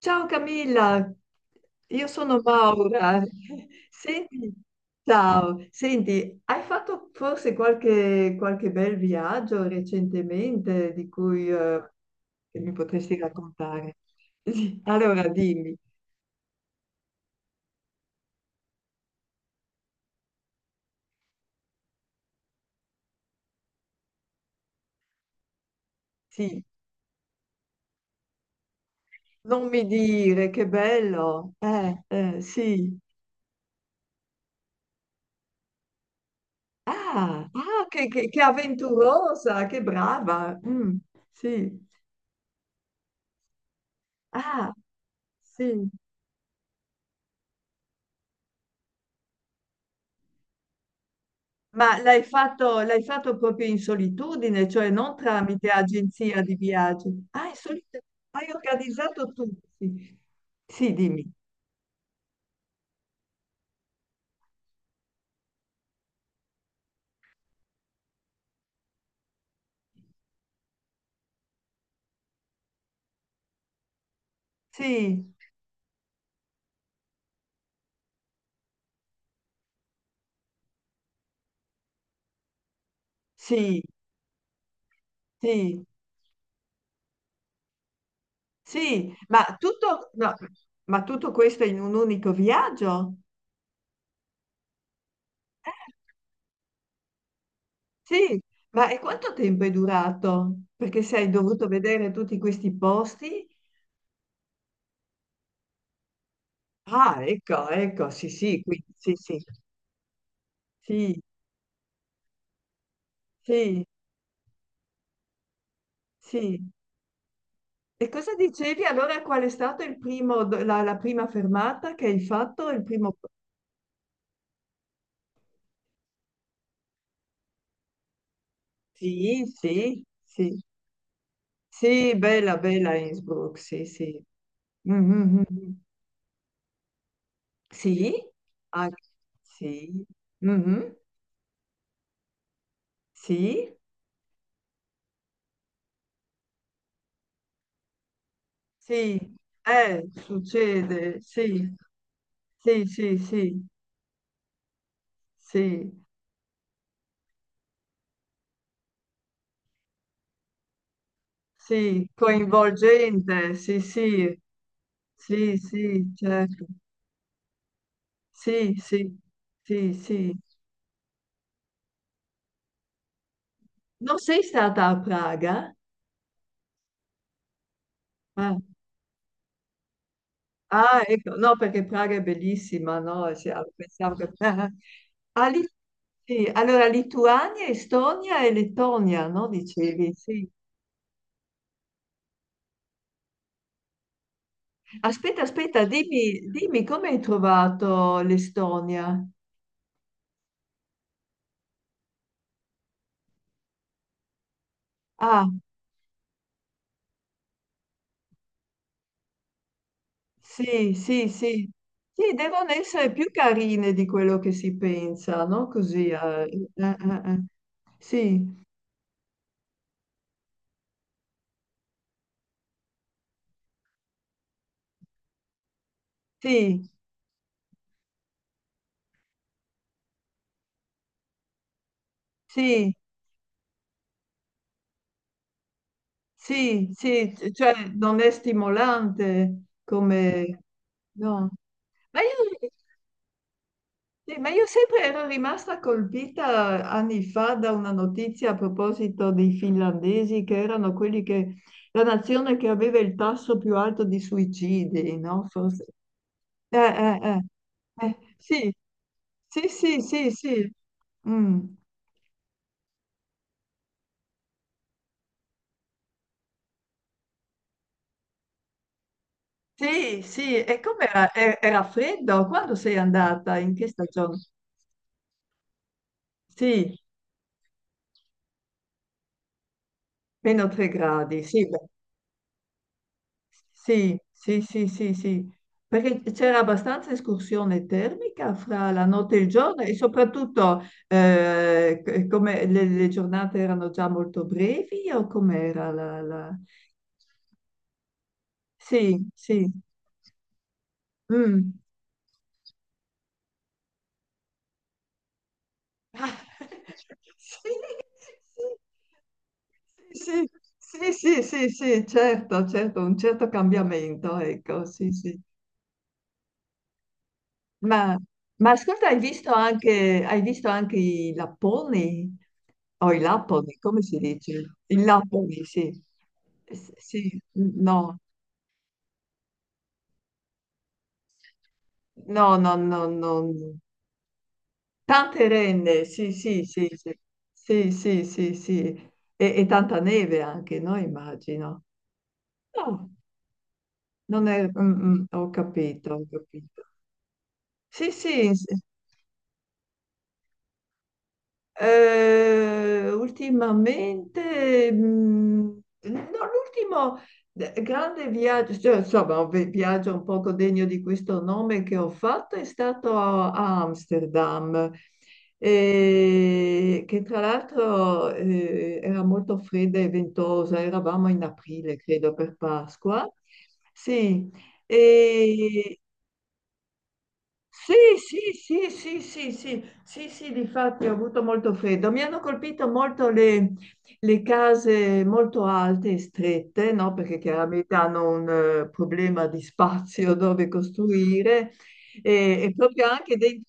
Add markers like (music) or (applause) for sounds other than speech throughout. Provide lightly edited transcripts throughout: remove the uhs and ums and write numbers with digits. Ciao Camilla, io sono Maura. (laughs) Senti, ciao, senti, hai fatto forse qualche bel viaggio recentemente di cui che mi potresti raccontare? (laughs) Sì, allora dimmi, sì, non mi dire, che bello, sì. Ah, ah, che avventurosa, che brava, mm, sì, ah, sì. Ma l'hai fatto proprio in solitudine, cioè non tramite agenzia di viaggi. Ah, in solitudine. Hai organizzato tu. Sì, sì, dimmi. Sì, sì, sì, sì. Ma tutto, no, ma tutto questo in un unico viaggio? Sì. Ma e quanto tempo è durato? Perché se hai dovuto vedere tutti questi posti? Ah, ecco, ecco, sì, sì, qui, sì, sì, sì, sì, sì. E cosa dicevi allora? Qual è stata il primo, la prima fermata che hai fatto? Il primo. Sì, sì, sì, sì, bella, bella Innsbruck, sì, sì. Mhm, mhm. Sì, anche- sì, mhm, sì, sì, succede, sì, sì, sì, sì, sì, sì, coinvolgente, sì, sì. Sì, sì, certo. Sì, sì, sì, sì. Non sei stata a Praga? Ah, ah, ecco, no, perché Praga è bellissima, no? Sì, ah, pensavo che. (laughs) Ah, sì, allora Lituania, Estonia e Lettonia, no? Dicevi, sì. Aspetta, aspetta, dimmi, dimmi come hai trovato l'Estonia? Ah, sì, sì, sì. Sì, devono essere più carine di quello che si pensa, no? Così. Eh, eh, eh. Sì, sì, sì. Sì, sì, cioè non è stimolante come. No. Ma io, sì, ma io sempre ero rimasta colpita anni fa da una notizia a proposito dei finlandesi, che erano quelli che la nazione che aveva il tasso più alto di suicidi, no? Forse. Sì, sì, sì, sì, sì. Mm. Sì, sì, e com'era? Era freddo? Quando sei andata? In che stagione? Sì, meno 3 gradi, sì, beh, sì, sì, sì, sì, sì, perché c'era abbastanza escursione termica fra la notte e il giorno e soprattutto come le giornate erano già molto brevi o com'era la. Sì, sì, mm. (laughs) Ah, sì, sì, sì, sì, sì, sì, sì, certo, certo, un certo cambiamento, ecco, sì, sì. Ma, ma ascolta, hai visto anche i lapponi? Oh, i lamponi, come si dice? I lamponi, sì. Sì, no, no, no, no, no. No. Tante renne, sì, sì, sì, sì, sì, sì, sì, sì. E tanta neve anche, no? Immagino. No, non è... ho capito, ho capito. Sì, sì. Ultimamente, no, l'ultimo grande viaggio, cioè, insomma, un viaggio un poco degno di questo nome che ho fatto è stato a Amsterdam, che tra l'altro era molto fredda e ventosa, eravamo in aprile, credo, per Pasqua. Sì, sì, sì, sì, sì, sì, sì, sì, sì, difatti ho avuto molto freddo. Mi hanno colpito molto le case molto alte e strette, no? Perché chiaramente hanno un problema di spazio (laughs) dove costruire e proprio anche dei.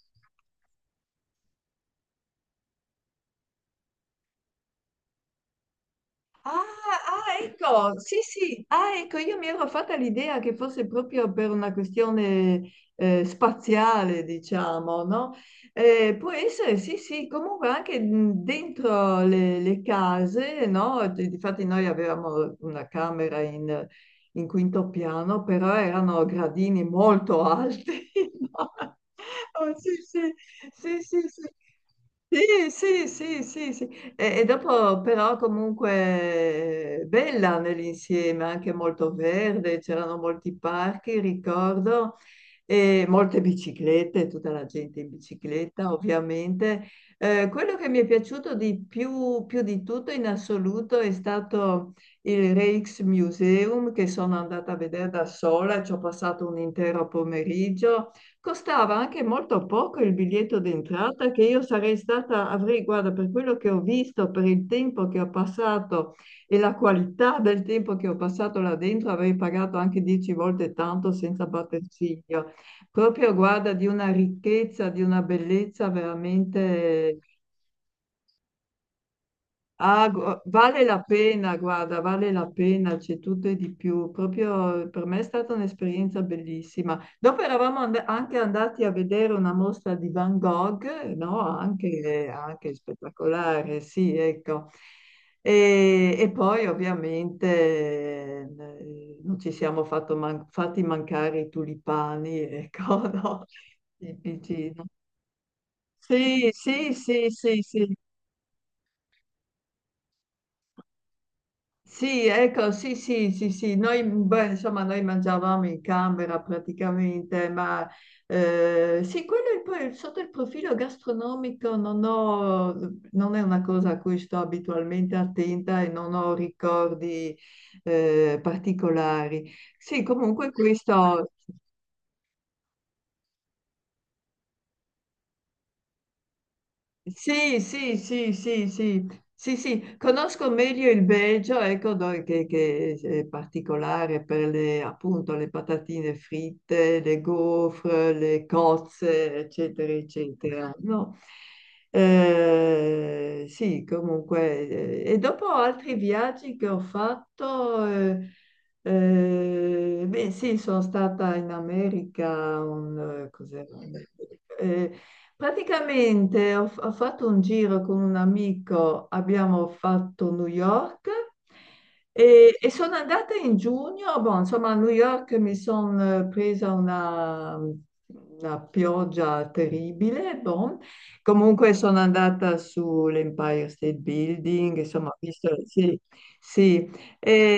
Ah, ah, ecco, sì, sì, ah, ecco, io mi ero fatta l'idea che fosse proprio per una questione spaziale, diciamo, no? Può essere, sì, sì, comunque anche dentro le case, no? Difatti noi avevamo una camera in quinto piano, però erano gradini molto alti, (laughs) Oh, sì, sì, sì, sì, sì. Sì, sì, sì, sì, sì. E dopo però comunque bella nell'insieme, anche molto verde, c'erano molti parchi, ricordo, e molte biciclette, tutta la gente in bicicletta ovviamente. Quello che mi è piaciuto di più, più di tutto in assoluto è stato il Rijksmuseum che sono andata a vedere da sola, ci ho passato un intero pomeriggio. Costava anche molto poco il biglietto d'entrata che io guarda, per quello che ho visto, per il tempo che ho passato e la qualità del tempo che ho passato là dentro, avrei pagato anche 10 volte tanto senza batter ciglio. Proprio, guarda, di una ricchezza, di una bellezza veramente. Ah, vale la pena, guarda, vale la pena, c'è tutto e di più. Proprio per me è stata un'esperienza bellissima. Dopo eravamo anche andati a vedere una mostra di Van Gogh, no? Anche, anche spettacolare, sì, ecco. E poi ovviamente non ci siamo fatti mancare i tulipani, ecco, (laughs) no? Tipici, no? Sì, sì, sì, sì, sì, sì, ecco, sì, sì, sì, sì, noi, beh, insomma, noi mangiavamo in camera praticamente, ma sì, quello è poi sotto il profilo gastronomico non ho, non è una cosa a cui sto abitualmente attenta e non ho ricordi particolari. Sì, comunque questo. Sì, sì, sì, sì, sì, sì, sì, conosco meglio il Belgio, ecco, che è particolare per le, appunto, le patatine fritte, le gaufre, le cozze, eccetera, eccetera. No? Sì, comunque, e dopo altri viaggi che ho fatto, beh, sì, sono stata in America, cos'era? Eh, Praticamente ho fatto un giro con un amico, abbiamo fatto New York e sono andata in giugno. Boh, insomma, a New York mi sono presa una pioggia terribile. Boh. Comunque sono andata sull'Empire State Building, insomma, ho visto, sì, sì. E-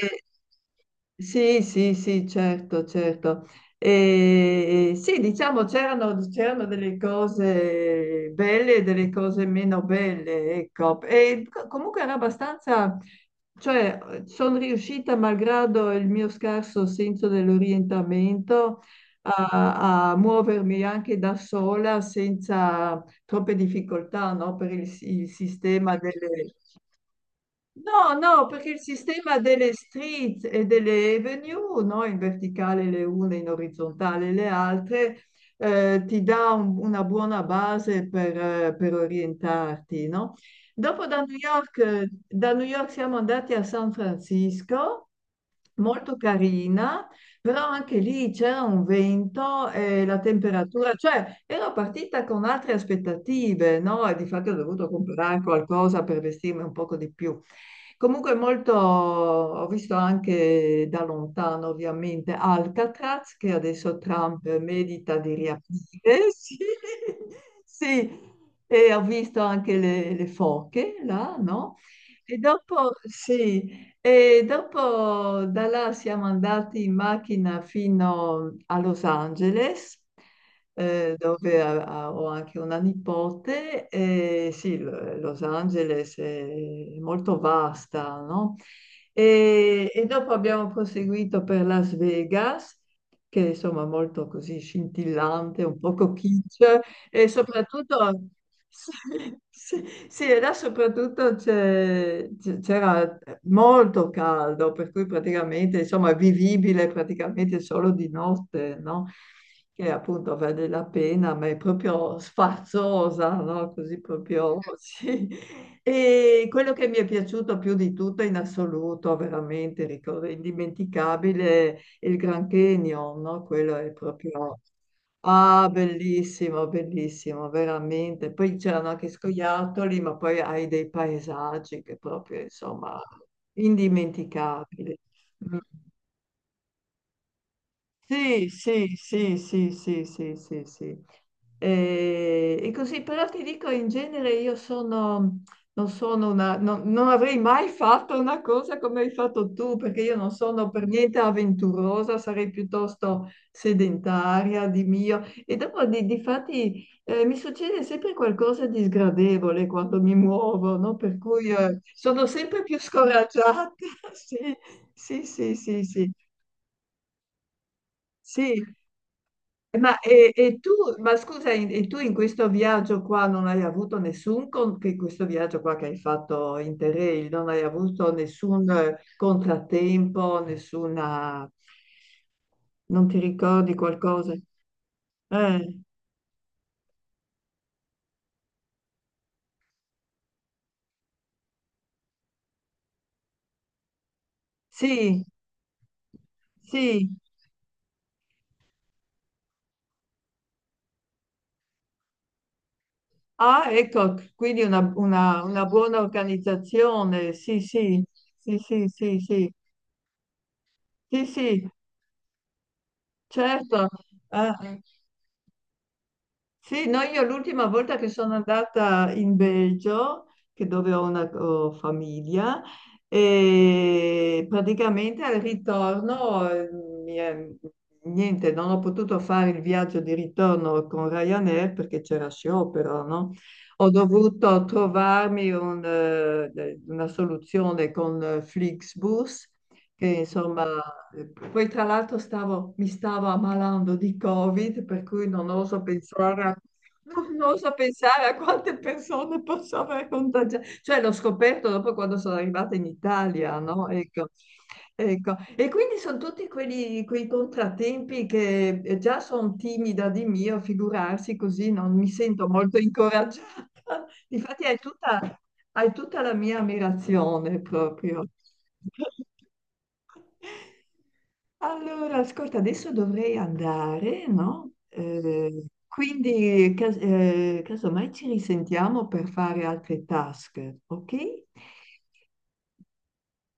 sì, sì, sì, certo, certo. E sì, diciamo, c'erano delle cose belle e delle cose meno belle, ecco. E comunque era abbastanza, cioè, sono riuscita, malgrado il mio scarso senso dell'orientamento, a muovermi anche da sola senza troppe difficoltà, no? Per il sistema delle. No, no, perché il sistema delle street e delle avenue, no, in verticale le une, in orizzontale le altre, ti dà una buona base per orientarti, no? Dopo da New York siamo andati a San Francisco molto carina, però anche lì c'era un vento e la temperatura, cioè ero partita con altre aspettative, no? E di fatto ho dovuto comprare qualcosa per vestirmi un poco di più. Comunque molto, ho visto anche da lontano ovviamente Alcatraz, che adesso Trump medita di riaprire, (laughs) sì, sì. E ho visto anche le foche là, no? Sì, e dopo da là siamo andati in macchina fino a Los Angeles, dove ho anche una nipote. E sì, Los Angeles è molto vasta, no? E dopo abbiamo proseguito per Las Vegas, che insomma è molto così scintillante, un poco kitsch, e soprattutto. (laughs) Sì, sì. Sì, e là soprattutto c'era molto caldo, per cui praticamente, insomma, è vivibile praticamente solo di notte, no? Che appunto vale la pena, ma è proprio sfarzosa, no? Così proprio, (laughs) sì. E quello che mi è piaciuto più di tutto in assoluto, veramente, ricordo, indimenticabile, è il Grand Canyon, no? Quello è proprio. Ah, bellissimo, bellissimo, veramente. Poi c'erano anche scoiattoli, ma poi hai dei paesaggi che proprio, insomma, indimenticabili. Sì, sì, sì, sì, sì, sì, sì, sì. E, così, però ti dico, in genere io sono, non sono una, non, non avrei mai fatto una cosa come hai fatto tu, perché io non sono per niente avventurosa, sarei piuttosto sedentaria di mio. E dopo, difatti, mi succede sempre qualcosa di sgradevole quando mi muovo, no? Per cui, sono sempre più scoraggiata. (laughs) Sì, sì, sì, sì, sì. Sì, ma, e tu, ma scusa, e tu in questo viaggio qua non hai avuto che questo viaggio qua che hai fatto in Interrail, non hai avuto nessun contrattempo, nessuna. Non ti ricordi qualcosa? Eh, sì, sì. Ah, ecco, quindi una buona organizzazione. Sì, sì, sì, sì, sì, sì, sì, sì, certo. Eh. Sì, no, io l'ultima volta che sono andata in Belgio, che dove ho famiglia, e praticamente al ritorno, mi è- niente, non ho potuto fare il viaggio di ritorno con Ryanair perché c'era sciopero, no? Ho dovuto trovarmi una soluzione con Flixbus, che insomma poi tra l'altro mi stavo ammalando di Covid, per cui non oso pensare a quante persone posso aver contagiato. Cioè l'ho scoperto dopo quando sono arrivata in Italia, no? Ecco, ecco. E quindi sono tutti quei contrattempi che già sono timida di mio, figurarsi così non mi sento molto incoraggiata. (laughs) Difatti hai tutta la mia ammirazione proprio. Allora, ascolta, adesso dovrei andare, no? Quindi, casomai ci risentiamo per fare altre task, ok?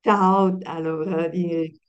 Ciao, allora,